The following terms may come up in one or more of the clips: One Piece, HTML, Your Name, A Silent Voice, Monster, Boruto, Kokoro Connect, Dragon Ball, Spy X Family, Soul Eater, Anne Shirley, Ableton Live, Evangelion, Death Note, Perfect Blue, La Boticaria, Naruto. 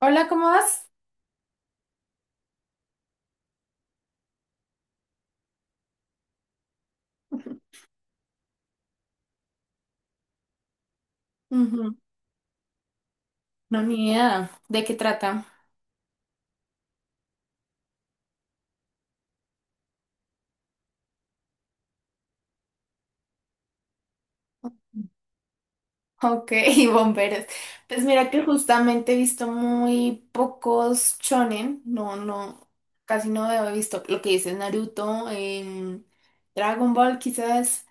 Hola, ¿cómo vas? Ujú. No, ni idea. ¿De qué trata? Ok, bomberos. Pues mira que justamente he visto muy pocos shonen. No, no, casi no he visto lo que dices Naruto, Dragon Ball quizás,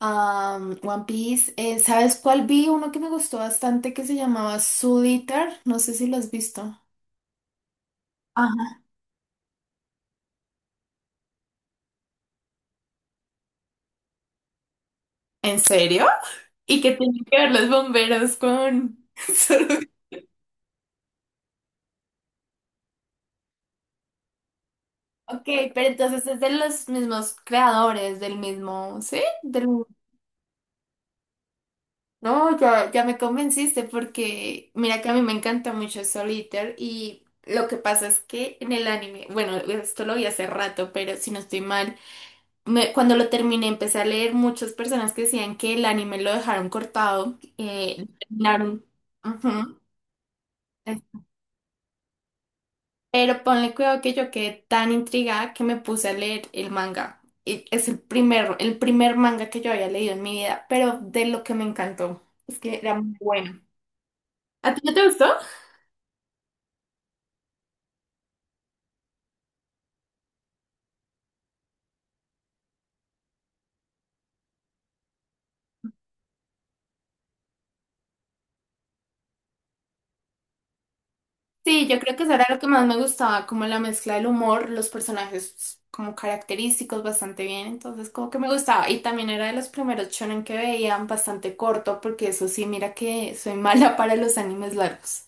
One Piece. ¿Sabes cuál vi? Uno que me gustó bastante que se llamaba Soul Eater. No sé si lo has visto. Ajá. ¿En serio? ¿Y qué tienen que ver los bomberos con... Soul. Ok, pero entonces es de los mismos creadores, del mismo, ¿sí? Del... No, ya, ya me convenciste porque mira que a mí me encanta mucho Solitaire y lo que pasa es que en el anime, bueno, esto lo vi hace rato, pero si no estoy mal, cuando lo terminé empecé a leer muchas personas que decían que el anime lo dejaron cortado, lo terminaron. Ujú. Pero ponle cuidado que yo quedé tan intrigada que me puse a leer el manga. Y es el primer manga que yo había leído en mi vida, pero de lo que me encantó. Es que era muy bueno. ¿A ti no te gustó? Sí, yo creo que eso era lo que más me gustaba, como la mezcla del humor, los personajes como característicos bastante bien, entonces como que me gustaba. Y también era de los primeros shonen que veían bastante corto, porque eso sí, mira que soy mala para los animes largos.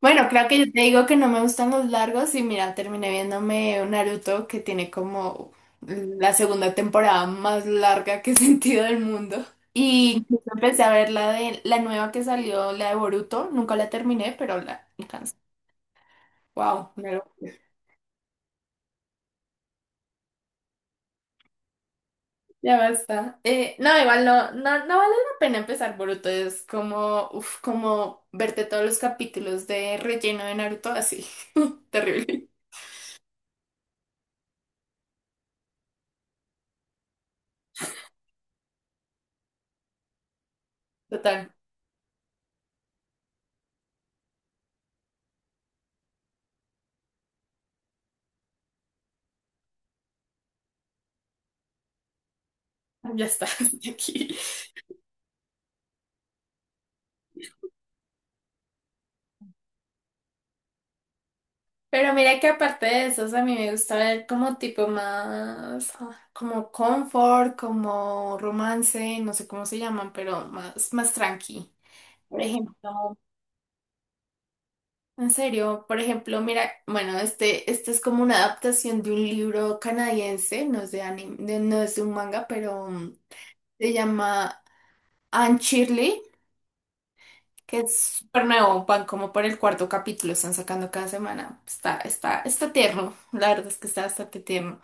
Bueno, creo que yo te digo que no me gustan los largos y mira, terminé viéndome un Naruto que tiene como la segunda temporada más larga que he sentido del mundo. Y incluso empecé a ver la de la nueva que salió, la de Boruto. Nunca la terminé, pero la alcancé. Wow, una locura. Ya basta. No, igual no, no, no vale la pena empezar Boruto. Es como, uf, como verte todos los capítulos de relleno de Naruto así. Terrible. Total. Ya está, hasta aquí. Pero mira que aparte de esos, a mí me gusta ver como tipo más, ah, como confort, como romance, no sé cómo se llaman, pero más, más tranqui. Por ejemplo, en serio, por ejemplo, mira, bueno, este es como una adaptación de un libro canadiense, no es de anime, no es de un manga, pero se llama Anne Shirley, que es súper nuevo, van como por el cuarto capítulo, están sacando cada semana. Está tierno, la verdad es que está bastante tierno.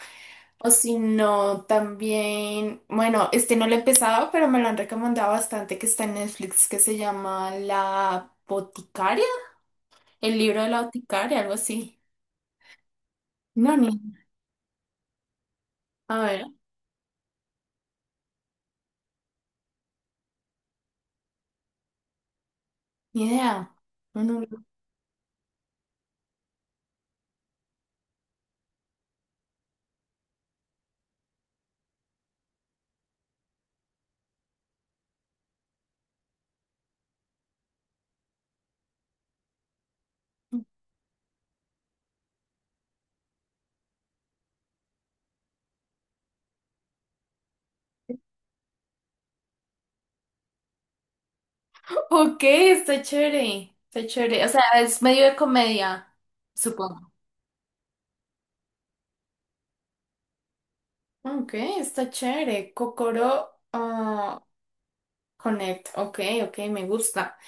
O si no, también, bueno, este no lo he empezado, pero me lo han recomendado bastante, que está en Netflix, que se llama La Boticaria, el libro de la boticaria, algo así. No, ni, a ver, ni idea. No, no lo- Ok, está chévere, está chévere. O sea, es medio de comedia, supongo. Ok, está chévere. Kokoro ah, Connect, ok, ok, me gusta.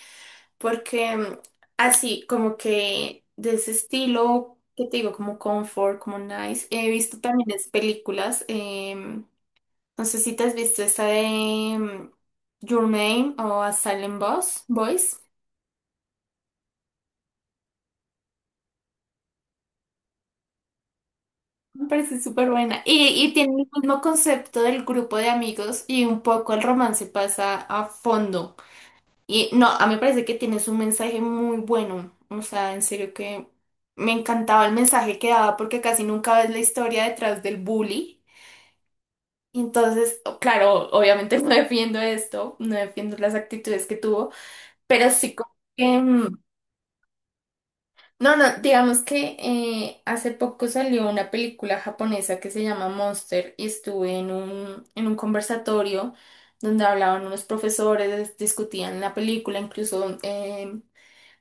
Porque así, como que de ese estilo, que te digo, como comfort, como nice, he visto también es películas. em, no sé si te has visto esa de Your Name o A Silent Boss, Voice. Me parece súper buena. Y tiene el mismo concepto del grupo de amigos y un poco el romance pasa a fondo. Y no, a mí me parece que tienes un mensaje muy bueno. O sea, en serio que me encantaba el mensaje que daba porque casi nunca ves la historia detrás del bully. Entonces, o- claro, obviamente no defiendo esto, no defiendo las actitudes que tuvo, pero sí como que... No, no, digamos que hace poco salió una película japonesa que se llama Monster y estuve en un conversatorio donde hablaban unos profesores, discutían la película, incluso...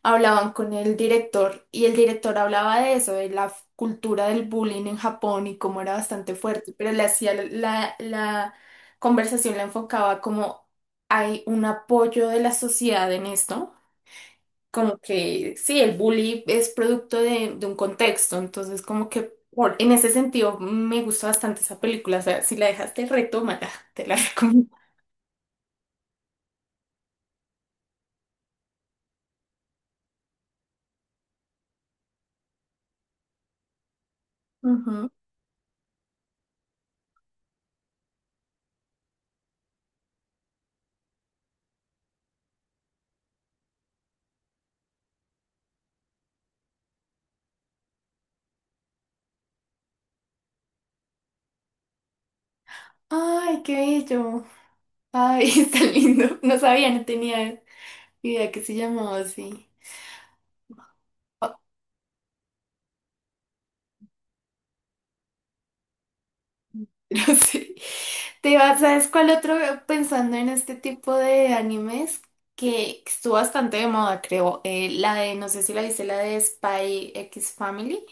hablaban con el director y el director hablaba de eso, de la f- cultura del bullying en Japón y cómo era bastante fuerte, pero le hacía la conversación la enfocaba como hay un apoyo de la sociedad en esto, como que sí, el bullying es producto de un contexto, entonces como que por- en ese sentido me gustó bastante esa película, o sea, si la dejaste, retómala, te la recomiendo. Ujú. Ay, qué bello. Ay, está lindo. No sabía, no tenía. Mira que se llamaba así. Ah, no sé. Te iba, ¿sabes cuál otro? Pensando en este tipo de animes que estuvo bastante de moda, creo. La de, no sé si la viste, la de Spy X Family.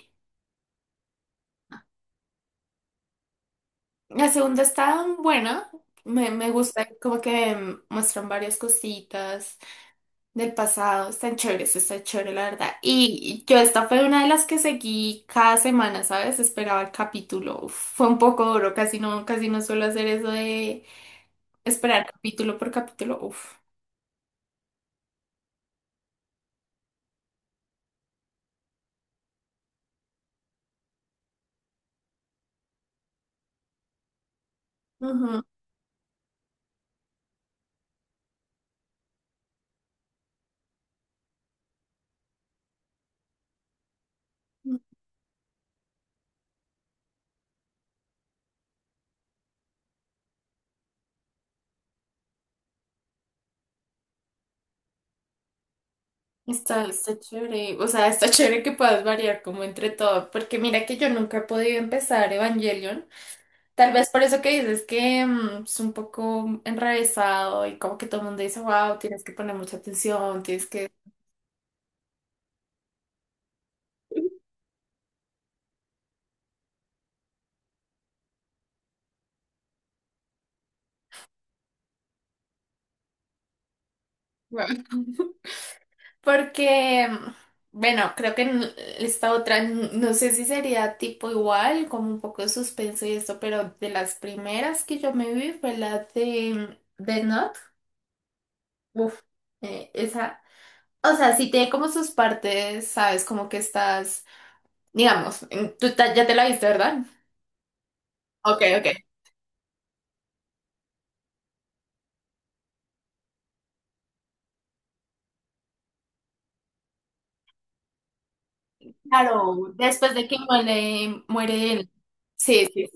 La segunda está buena. Me gusta, como que muestran varias cositas del pasado. Están chéveres, está chévere, la verdad. Y yo esta fue una de las que seguí cada semana, ¿sabes? Esperaba el capítulo. Uf, fue un poco duro, casi no suelo hacer eso de esperar capítulo por capítulo, uff. Ujú. Está, está chévere, o sea, está chévere que puedas variar como entre todo, porque mira que yo nunca he podido empezar Evangelion, tal vez por eso que dices que es un poco enrevesado y como que todo el mundo dice, wow, tienes que poner mucha atención, tienes que... Guau. Porque, bueno, creo que en esta otra, n- no sé si sería tipo igual, como un poco de suspenso y esto, pero de las primeras que yo me vi fue la de Death Note. Uf, esa, o sea, sí tiene como sus partes, sabes, como que estás, digamos, en- tú ta- ya te la viste, ¿verdad? Ok, ok. Claro, después de que muere, muere él. Sí, sí,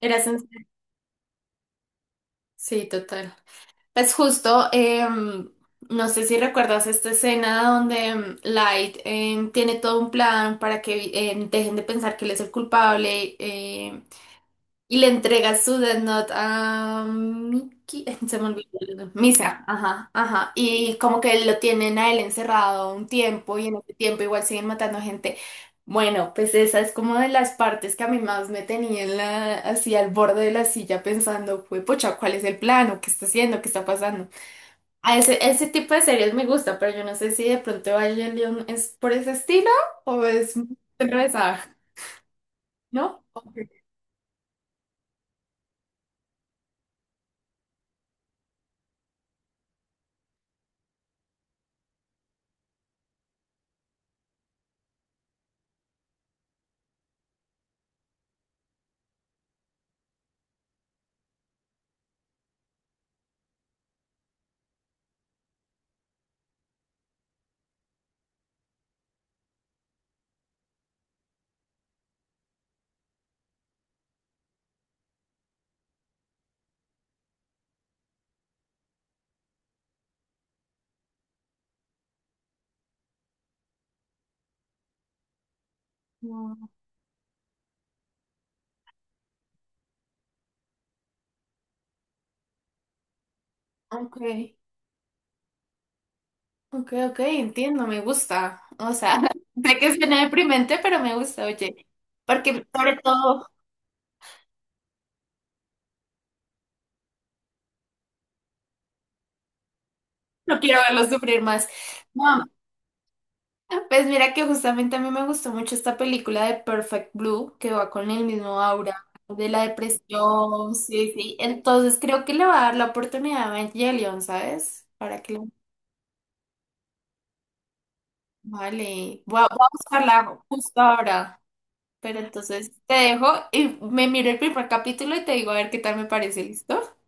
era sens- sí, total. Pues justo, no sé si recuerdas esta escena donde Light tiene todo un plan para que dejen de pensar que él es el culpable, y le entrega su Death Note a Miki. Se me olvidó el nombre. Misa, ajá, ajá. Y como que lo tienen a él encerrado un tiempo y en ese tiempo igual siguen matando gente. Bueno, pues esa es como de las partes que a mí más me tenía en la, así al borde de la silla pensando, fue pucha, ¿cuál es el plano? ¿Qué está haciendo? ¿Qué está pasando? A ese, ese tipo de series me gusta, pero yo no sé si de pronto Evangelion es por ese estilo o es enrevesada, ¿no? Ok. No, ok. Ok, ok, entiendo, me gusta. O sea, sé que suena deprimente, pero me gusta, oye. Porque sobre todo no quiero verlos sufrir más. No, pues mira que justamente a mí me gustó mucho esta película de Perfect Blue, que va con el mismo aura de la depresión, sí, sí. Entonces creo que le va a dar la oportunidad a Evangelion, ¿sabes? Para que lo... Vale, voy a buscarla justo ahora. Pero entonces te dejo y me miro el primer capítulo y te digo a ver qué tal me parece, ¿listo?